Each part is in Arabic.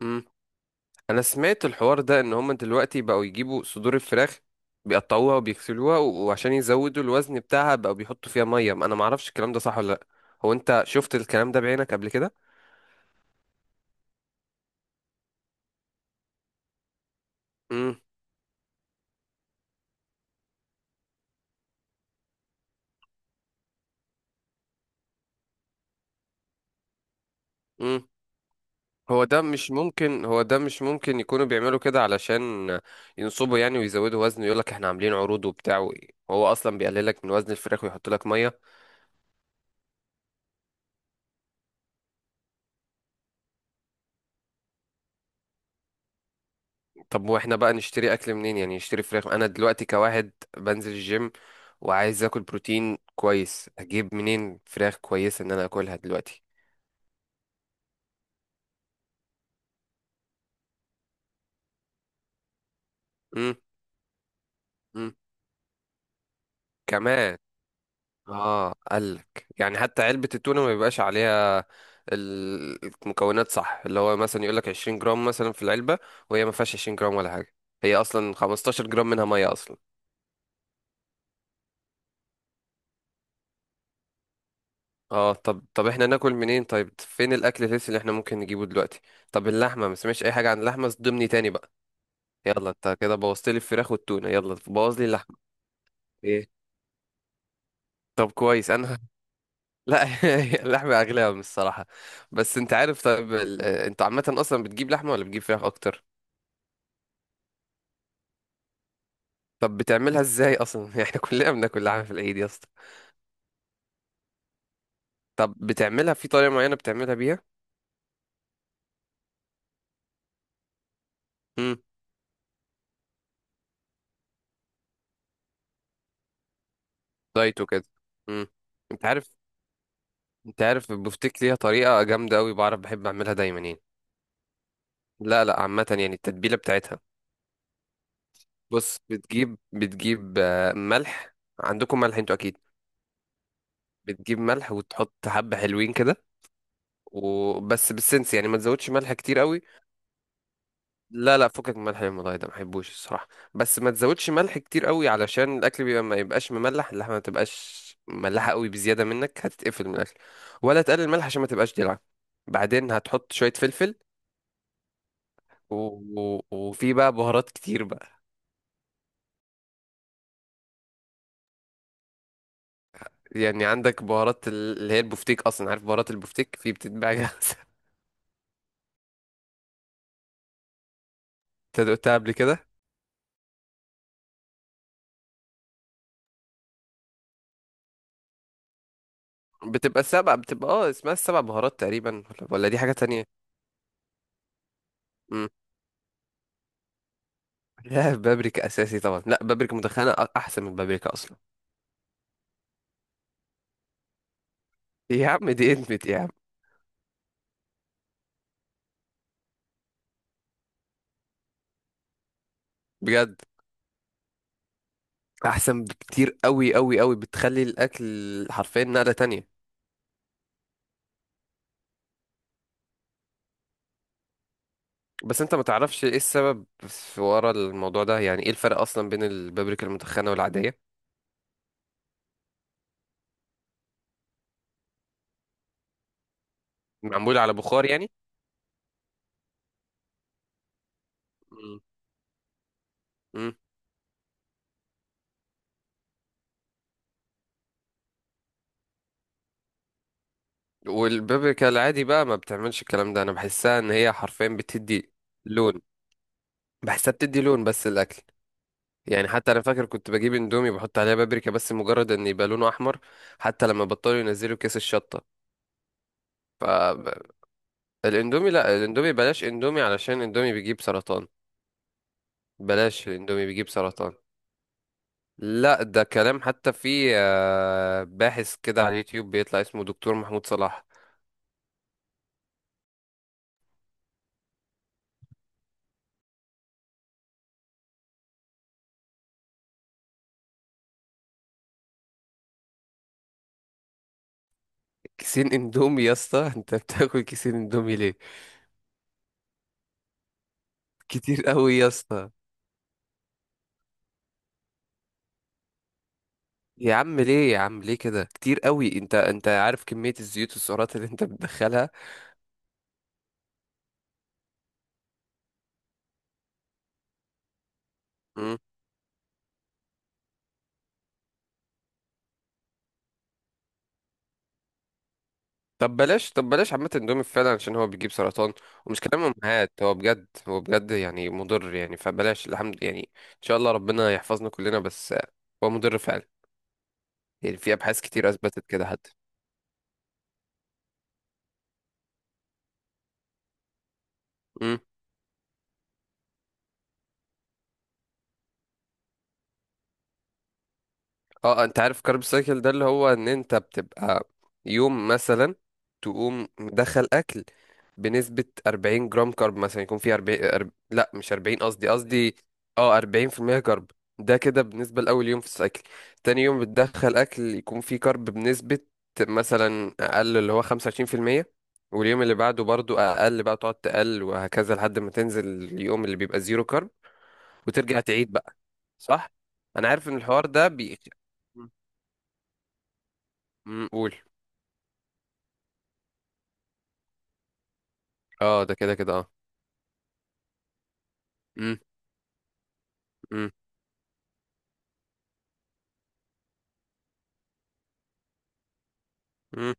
مم. انا سمعت الحوار ده ان هم دلوقتي بقوا يجيبوا صدور الفراخ، بيقطعوها وبيغسلوها و- وعشان يزودوا الوزن بتاعها بقوا بيحطوا فيها ميه. انا ما اعرفش الكلام ده صح ولا لا. هو انت شفت الكلام ده بعينك قبل كده؟ امم. امم. هو ده مش ممكن، هو ده مش ممكن يكونوا بيعملوا كده علشان ينصبوا يعني ويزودوا وزن، يقول لك احنا عاملين عروض وبتاع هو اصلا بيقللك من وزن الفراخ ويحط لك ميه. طب واحنا بقى نشتري اكل منين؟ يعني نشتري فراخ، انا دلوقتي كواحد بنزل الجيم وعايز اكل بروتين كويس، اجيب منين فراخ كويسة ان انا اكلها دلوقتي؟ امم. امم. كمان. اه قالك يعني حتى علبة التونة ما بيبقاش عليها المكونات، صح؟ اللي هو مثلا يقولك 20 جرام مثلا في العلبة وهي ما فيهاش 20 جرام ولا حاجة. هي اصلا 15 جرام منها مية اصلا. اه طب طب احنا ناكل منين؟ طيب فين الاكل الهيلثي اللي احنا ممكن نجيبه دلوقتي؟ طب اللحمة ما سمعتش اي حاجة عن اللحمة، صدمني تاني بقى. يلا انت كده بوظت لي الفراخ والتونه، يلا بوظ لي اللحمه. ايه؟ طب كويس انا. لا. اللحمه اغلى من الصراحه. بس انت عارف، طيب انت عامه اصلا بتجيب لحمه ولا بتجيب فراخ اكتر؟ طب بتعملها ازاي اصلا؟ احنا كلنا بناكل لحمه في العيد يا اسطى. طب بتعملها في طريقه معينه بتعملها بيها؟ امم. دايت وكده. امم. انت عارف انت عارف البفتيك ليها طريقه جامده قوي، بعرف بحب اعملها دايما يعني. لا لا، عامه يعني التتبيله بتاعتها. بص، بتجيب بتجيب آه، ملح، عندكم ملح انتوا اكيد. بتجيب ملح وتحط حبة حلوين كده. وبس، بالسنس يعني، ما تزودش ملح كتير قوي. لا لا، فكك من الملح المضايق ده، ما بحبوش الصراحة. بس ما تزودش ملح كتير قوي علشان الاكل بيبقى، ما يبقاش مملح، اللحمة ما تبقاش مملحة قوي بزيادة منك، هتتقفل من الاكل. ولا تقلل الملح عشان ما تبقاش دلع. بعدين هتحط شوية فلفل. و... و... وفي بقى بهارات كتير بقى. يعني عندك بهارات اللي هي البفتيك، اصلا عارف بهارات البفتيك في بتتباع جاهزة. انت دقتها قبل كده؟ بتبقى سبع بتبقى اه اسمها السبع بهارات تقريبا، ولا دي حاجة تانية؟ مم. لا بابريكا أساسي طبعا، لا بابريكا مدخنة أحسن من بابريكا أصلا. يا عم دي ادمت يا عم. بجد؟ أحسن بكتير، أوي أوي أوي، بتخلي الأكل حرفيا نقلة تانية. بس أنت ما تعرفش إيه السبب في ورا الموضوع ده؟ يعني إيه الفرق أصلا بين البابريكا المدخنة والعادية؟ معمولة على بخار يعني؟ مم. مم. والبابريكا العادي بقى ما بتعملش الكلام ده، أنا بحسها إن هي حرفيا بتدي لون. بحسها بتدي لون بس الأكل. يعني حتى انا فاكر كنت بجيب اندومي بحط عليها بابريكا بس مجرد ان يبقى لونه احمر، حتى لما بطلوا ينزلوا كيس الشطه. فالاندومي، لا الاندومي بلاش اندومي علشان الاندومي بيجيب سرطان. بلاش الاندومي بيجيب سرطان. لا ده كلام، حتى في باحث كده على اليوتيوب بيطلع اسمه دكتور محمود صلاح. كيسين اندومي يا اسطى؟ انت بتاكل كيسين اندومي ليه؟ كتير قوي يا اسطى. يا عم ليه، يا عم ليه كده؟ كتير قوي. انت عارف كمية الزيوت والسعرات اللي انت بتدخلها؟ طب بلاش، طب بلاش عامة اندومي فعلا عشان هو بيجيب سرطان. ومش كلام امهات، هو بجد، هو بجد يعني مضر يعني، فبلاش. الحمد يعني، ان شاء الله ربنا يحفظنا كلنا، بس هو مضر فعلا. يعني في ابحاث كتير اثبتت كده حتى. اه انت عارف كارب سايكل ده، اللي هو ان انت بتبقى يوم مثلا تقوم مدخل اكل بنسبة 40 جرام كارب، مثلا يكون فيه 40 لا، مش 40، قصدي، اه 40% كارب. ده كده بالنسبة لأول يوم في السايكل. تاني يوم بتدخل اكل يكون فيه كارب بنسبة مثلا اقل، اللي هو 25%. واليوم اللي بعده برضو اقل، بقى تقعد تقل وهكذا لحد ما تنزل اليوم اللي بيبقى زيرو كارب. وترجع تعيد بقى. صح. انا عارف ان الحوار ده امم، قول. اه ده كده كده، اه. امم. امم. امم.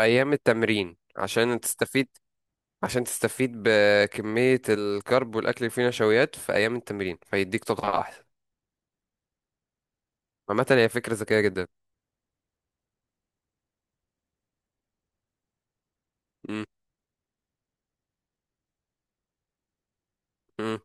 ايام التمرين عشان تستفيد. عشان تستفيد بكمية الكرب والاكل اللي فيه نشويات في ايام التمرين، فيديك طاقة احسن. عامة هي فكرة ذكية جدا. امم. امم.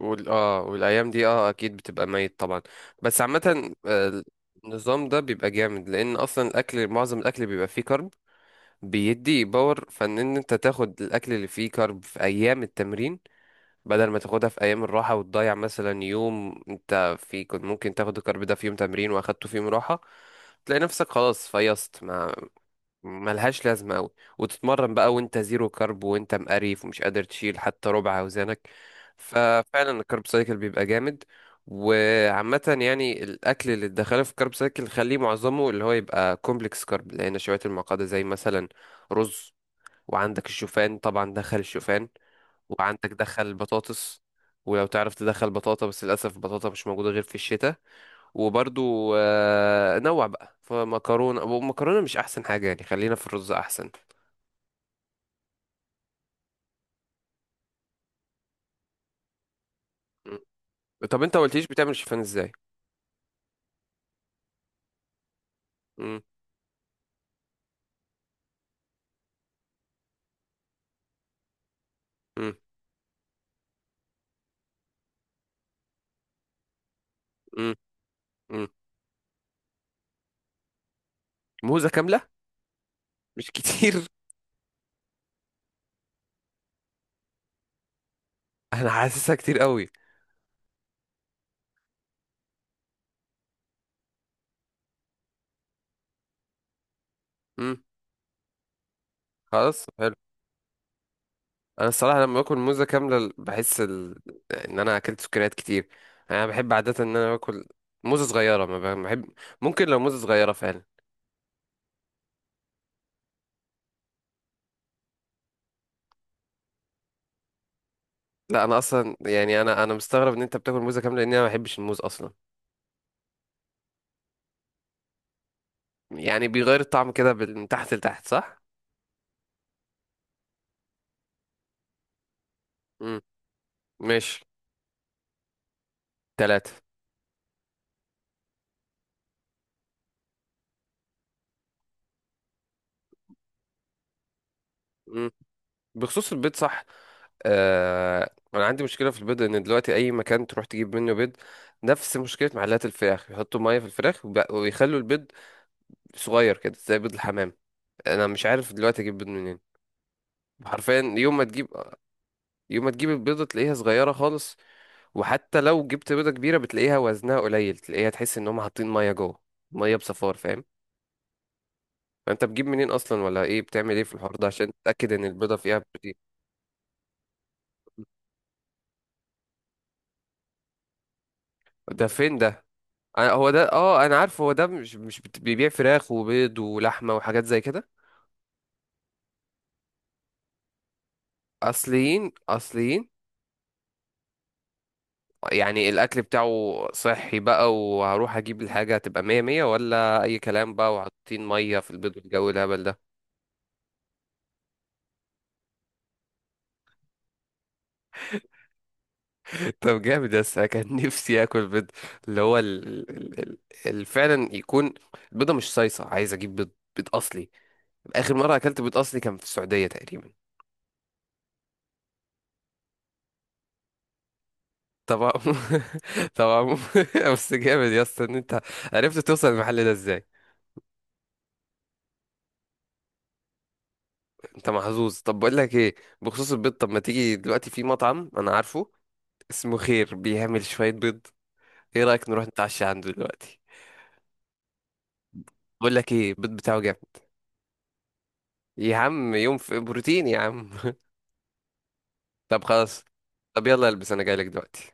وال اه والايام دي، اه اكيد بتبقى ميت طبعا. بس عامة. النظام ده بيبقى جامد لان اصلا الاكل، معظم الاكل بيبقى فيه كرب. بيدي باور، فان انت تاخد الاكل اللي فيه كرب في ايام التمرين بدل ما تاخدها في ايام الراحه وتضيع. مثلا يوم انت في كنت ممكن تاخد الكارب ده في يوم تمرين، واخدته في يوم راحه، تلاقي نفسك خلاص فيصت، ما ملهاش لازمه قوي. وتتمرن بقى وانت زيرو كارب، وانت مقريف ومش قادر تشيل حتى ربع اوزانك. ففعلا الكارب سايكل بيبقى جامد. وعامة يعني الأكل اللي تدخله في الكارب سايكل، خليه معظمه اللي هو يبقى كومبلكس كارب، لأن نشويات المعقدة زي مثلا رز. وعندك الشوفان طبعا، دخل الشوفان. وعندك دخل بطاطس. ولو تعرف تدخل بطاطا، بس للأسف البطاطا مش موجودة غير في الشتاء. وبرضو نوع بقى فمكرونة، ومكرونة مش أحسن حاجة يعني، خلينا في الرز أحسن. م. طب أنت ما قلتليش بتعمل شوفان إزاي؟ م. م. م. م. موزة كاملة؟ مش كتير؟ أنا حاسسها كتير قوي. م. خلاص حلو. أنا الصراحة لما باكل موزة كاملة بحس إن أنا أكلت سكريات كتير. أنا بحب عادة إن أنا باكل موزة صغيرة، ما بحب. ممكن لو موزة صغيرة فعلا. لا انا اصلا يعني، انا مستغرب ان انت بتاكل موزه كامله، لان انا ما بحبش الموز اصلا. يعني بيغير الطعم كده من تحت لتحت، صح؟ امم. ماشي. ثلاثة. امم. بخصوص البيض، صح؟ آه انا عندي مشكله في البيض، ان دلوقتي اي مكان تروح تجيب منه بيض، نفس مشكله محلات الفراخ، يحطوا ميه في الفراخ وب- ويخلوا البيض صغير كده زي بيض الحمام. انا مش عارف دلوقتي اجيب بيض منين. حرفيا يوم ما تجيب البيضه تلاقيها صغيره خالص. وحتى لو جبت بيضة كبيرة بتلاقيها وزنها قليل، تلاقيها تحس ان هم حاطين مية جوه، مية بصفار، فاهم؟ فانت بتجيب منين اصلا، ولا ايه، بتعمل ايه في الحوار ده عشان تتأكد ان البيضة فيها بروتين؟ ده فين ده؟ هو ده، اه انا عارف هو ده، مش مش بت- بيبيع فراخ وبيض ولحمة وحاجات زي كده؟ اصليين اصليين؟ يعني الاكل بتاعه صحي بقى، وهروح اجيب الحاجة هتبقى مية مية ولا اي كلام بقى، وحاطين مية في البيض والجو الهبل ده؟ طب جامد، بس انا كان نفسي اكل بيض اللي هو فعلا يكون البيضه مش صيصه، عايز اجيب بيض، بيض اصلي. اخر مره اكلت بيض اصلي كان في السعوديه تقريبا. طبعا. طبعا. بس جامد يا اسطى ان انت عرفت توصل المحل ده ازاي. انت محظوظ. طب بقول لك ايه، بخصوص البيض، طب ما تيجي دلوقتي، في مطعم انا عارفه اسمه خير بيعمل شويه بيض. ايه رايك نروح نتعشى عنده دلوقتي؟ بقول لك ايه، البيض بتاعه جامد. يا عم يوم في بروتين يا عم. طب خلاص. طب يلا البس، انا جايلك دلوقتي.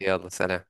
يلا سلام.